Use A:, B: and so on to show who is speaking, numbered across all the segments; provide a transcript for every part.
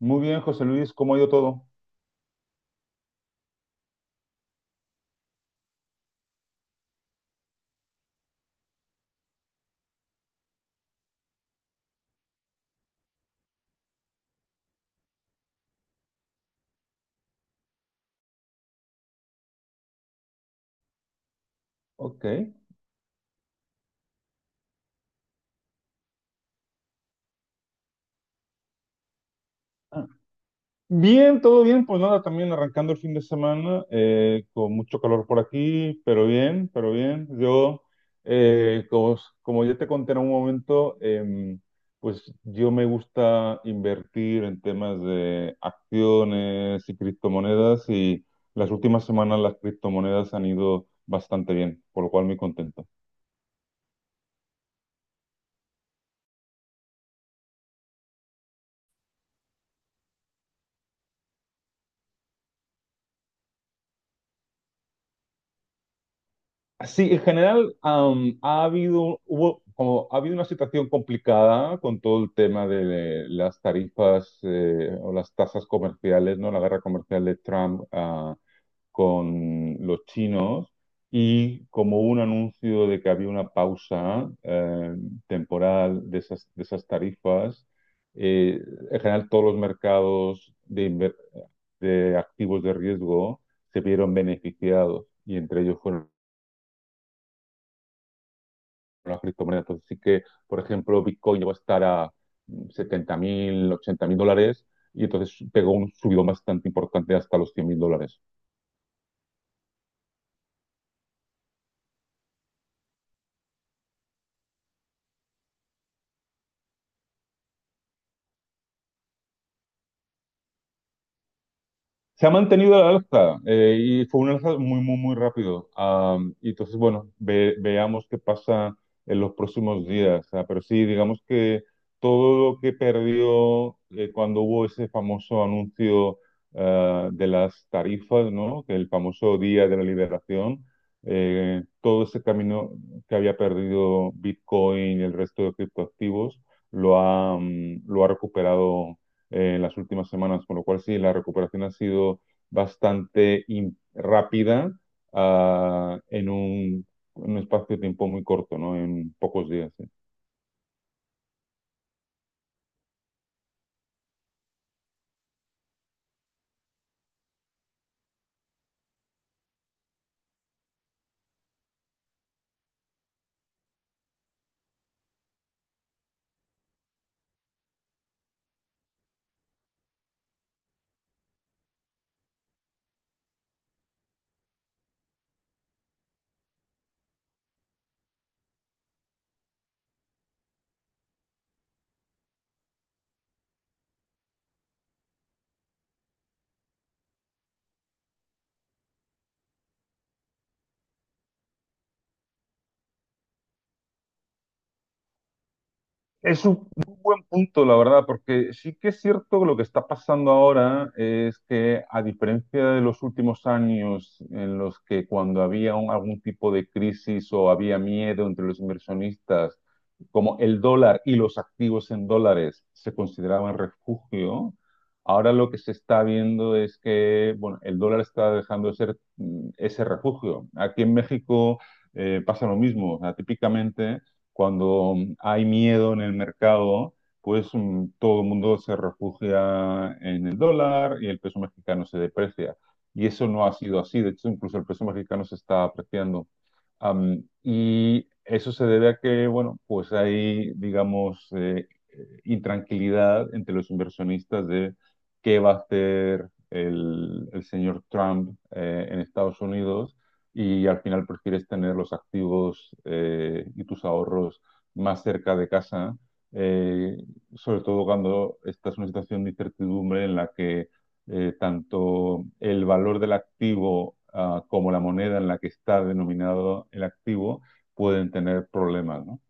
A: Muy bien, José Luis, ¿cómo ha ido todo? Ok. Ah, Bien, todo bien, pues nada, también arrancando el fin de semana, con mucho calor por aquí, pero bien, pero bien. Yo, eh, como, como ya te conté en un momento, pues yo me gusta invertir en temas de acciones y criptomonedas, y las últimas semanas las criptomonedas han ido bastante bien, por lo cual muy contento. Sí, en general, ha habido, hubo, como, ha habido una situación complicada con todo el tema de las tarifas, o las tasas comerciales, ¿no? La guerra comercial de Trump, con los chinos, y como un anuncio de que había una pausa temporal de esas tarifas. eh, en general, todos los mercados de, de activos de riesgo se vieron beneficiados, y entre ellos fueron las criptomonedas. Entonces sí que, por ejemplo, Bitcoin llegó a estar a 70,000, $80,000, y entonces pegó un subidón bastante importante hasta los $100,000. Se ha mantenido la alza, y fue una alza muy, muy, muy rápido. Y entonces, bueno, veamos qué pasa en los próximos días. Ah, pero sí, digamos que todo lo que perdió cuando hubo ese famoso anuncio, de las tarifas, ¿no? Que el famoso Día de la Liberación, todo ese camino que había perdido Bitcoin y el resto de criptoactivos lo ha recuperado en las últimas semanas, con lo cual sí, la recuperación ha sido bastante rápida, ah, en un, en un espacio de tiempo muy corto, ¿no? En pocos días. Sí. Es un muy buen punto, la verdad, porque sí que es cierto que lo que está pasando ahora es que, a diferencia de los últimos años, en los que cuando había algún tipo de crisis o había miedo entre los inversionistas, como el dólar y los activos en dólares se consideraban refugio, ahora lo que se está viendo es que, bueno, el dólar está dejando de ser, ese refugio. Aquí en México pasa lo mismo. O sea, típicamente, cuando hay miedo en el mercado, pues todo el mundo se refugia en el dólar y el peso mexicano se deprecia. Y eso no ha sido así. De hecho, incluso el peso mexicano se está apreciando. Y eso se debe a que, bueno, pues hay, digamos, intranquilidad entre los inversionistas de qué va a hacer el señor Trump en Estados Unidos, y al final prefieres tener los activos y tus ahorros más cerca de casa, eh, sobre todo cuando estás en una situación de incertidumbre en la que tanto el valor del activo, como la moneda en la que está denominado el activo, pueden tener problemas, ¿no?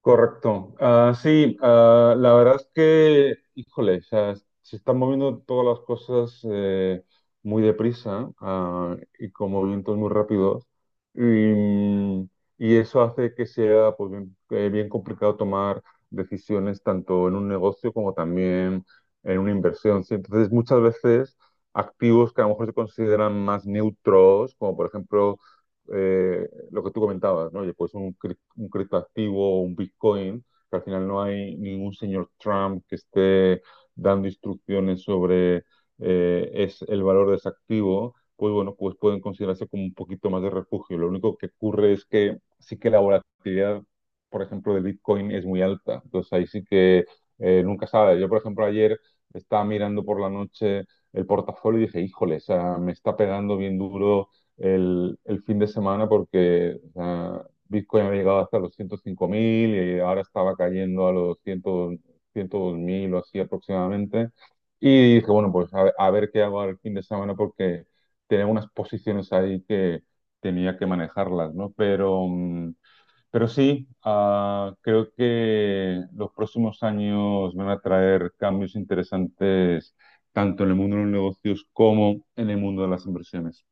A: Correcto. Ah, sí, ah, la verdad es que, híjole, o sea, se están moviendo todas las cosas muy deprisa, y con movimientos muy rápidos. Y, mm, y eso hace que sea, pues, bien, bien complicado tomar decisiones tanto en un negocio como también en una inversión. ¿Sí? Entonces, muchas veces activos que a lo mejor se consideran más neutros, como por ejemplo lo que tú comentabas, ¿no? Oye, pues un criptoactivo o un Bitcoin, que al final no hay ningún señor Trump que esté dando instrucciones sobre es el valor de ese activo, pues bueno, pues pueden considerarse como un poquito más de refugio. Lo único que ocurre es que sí que la volatilidad, por ejemplo, de Bitcoin es muy alta. Entonces ahí sí que nunca sabes. Yo, por ejemplo, ayer estaba mirando por la noche el portafolio, y dije, híjole, o sea, me está pegando bien duro el fin de semana, porque o sea, Bitcoin había llegado hasta los 105,000, y ahora estaba cayendo a los cien, 102,000 o así aproximadamente. Y dije, bueno, pues a ver qué hago el fin de semana, porque tenía unas posiciones ahí que tenía que manejarlas, ¿no? Pero sí, creo que los próximos años van a traer cambios interesantes, tanto en el mundo de los negocios como en el mundo de las inversiones.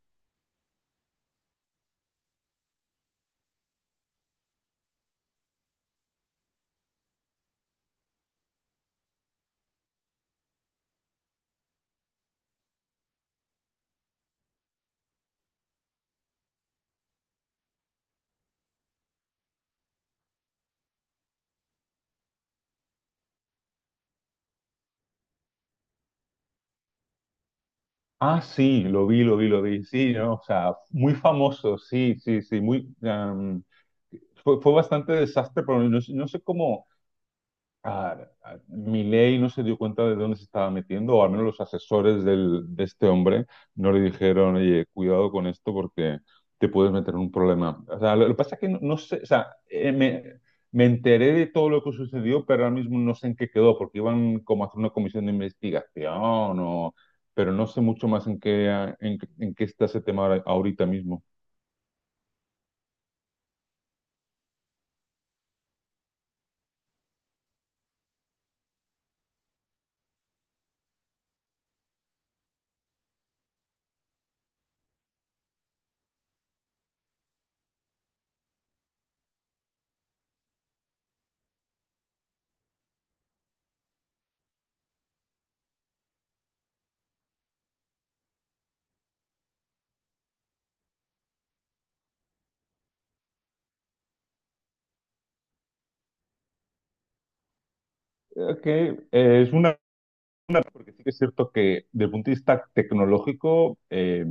A: Ah, sí, lo vi, lo vi, lo vi. Sí, ¿no? O sea, muy famoso, sí, sí, sí, muy, fue bastante desastre, pero no, no sé cómo. Ah, Milei no se dio cuenta de dónde se estaba metiendo, o al menos los asesores de este hombre no le dijeron, oye, cuidado con esto porque te puedes meter en un problema. O sea, lo que pasa es que no, no sé, o sea, me enteré de todo lo que sucedió, pero ahora mismo no sé en qué quedó, porque iban como a hacer una comisión de investigación, o, pero no sé mucho más en qué, ah, en qué está ese tema ahorita mismo. Que es una, porque sí que es cierto que desde el punto de vista tecnológico,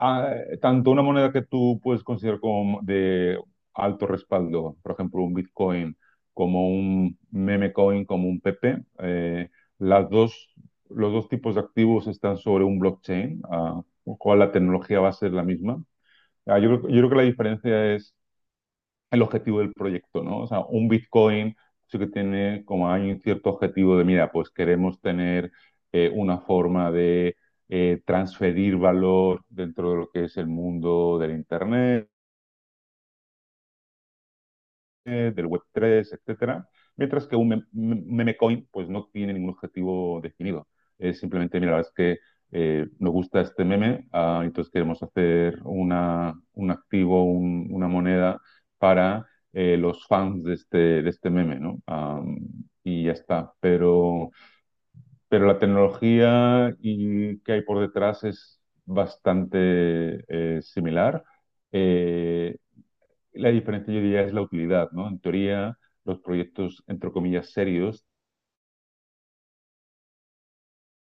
A: ah, tanto una moneda que tú puedes considerar como de alto respaldo, por ejemplo, un Bitcoin, como un meme coin, como un PP, las dos, los dos tipos de activos están sobre un blockchain, con lo cual la tecnología va a ser la misma. Yo creo que la diferencia es el objetivo del proyecto, ¿no? O sea, un Bitcoin sí que tiene, como hay un cierto objetivo de, mira, pues queremos tener una forma de transferir valor dentro de lo que es el mundo del Internet, del Web3, etcétera, mientras que un meme coin pues no tiene ningún objetivo definido. Es simplemente, mira, la verdad es que nos gusta este meme, entonces queremos hacer una, un activo, una moneda para los fans de este meme, ¿no? Y ya está. Pero la tecnología y que hay por detrás es bastante similar. Eh, la diferencia, yo diría, es la utilidad, ¿no? En teoría, los proyectos, entre comillas, serios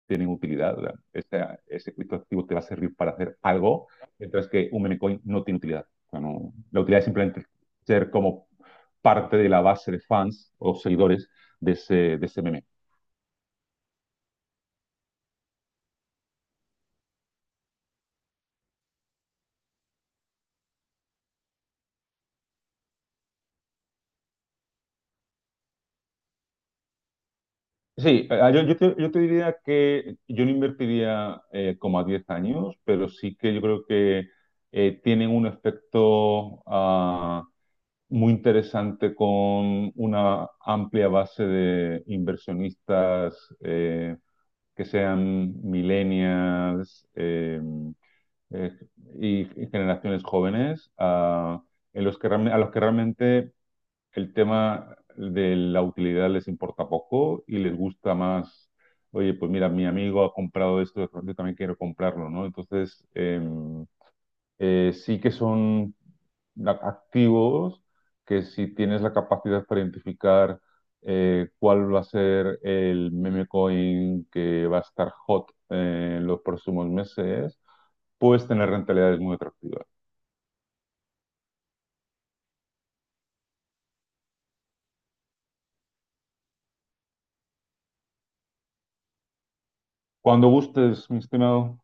A: tienen utilidad. ¿Verdad? Ese criptoactivo te va a servir para hacer algo, mientras que un meme coin no tiene utilidad. O sea, la utilidad es simplemente ser como parte de la base de fans o seguidores de ese meme. Sí, yo te diría que yo no invertiría como a 10 años, pero sí que yo creo que tienen un efecto, muy interesante, con una amplia base de inversionistas eh, que sean millennials, eh, y generaciones jóvenes, a los que realmente el tema de la utilidad les importa poco, y les gusta más, oye, pues mira, mi amigo ha comprado esto, yo también quiero comprarlo, ¿no? Entonces, sí que son activos que, si tienes la capacidad para identificar cuál va a ser el meme coin que va a estar hot en los próximos meses, puedes tener rentabilidades muy atractivas. Cuando gustes, mi estimado.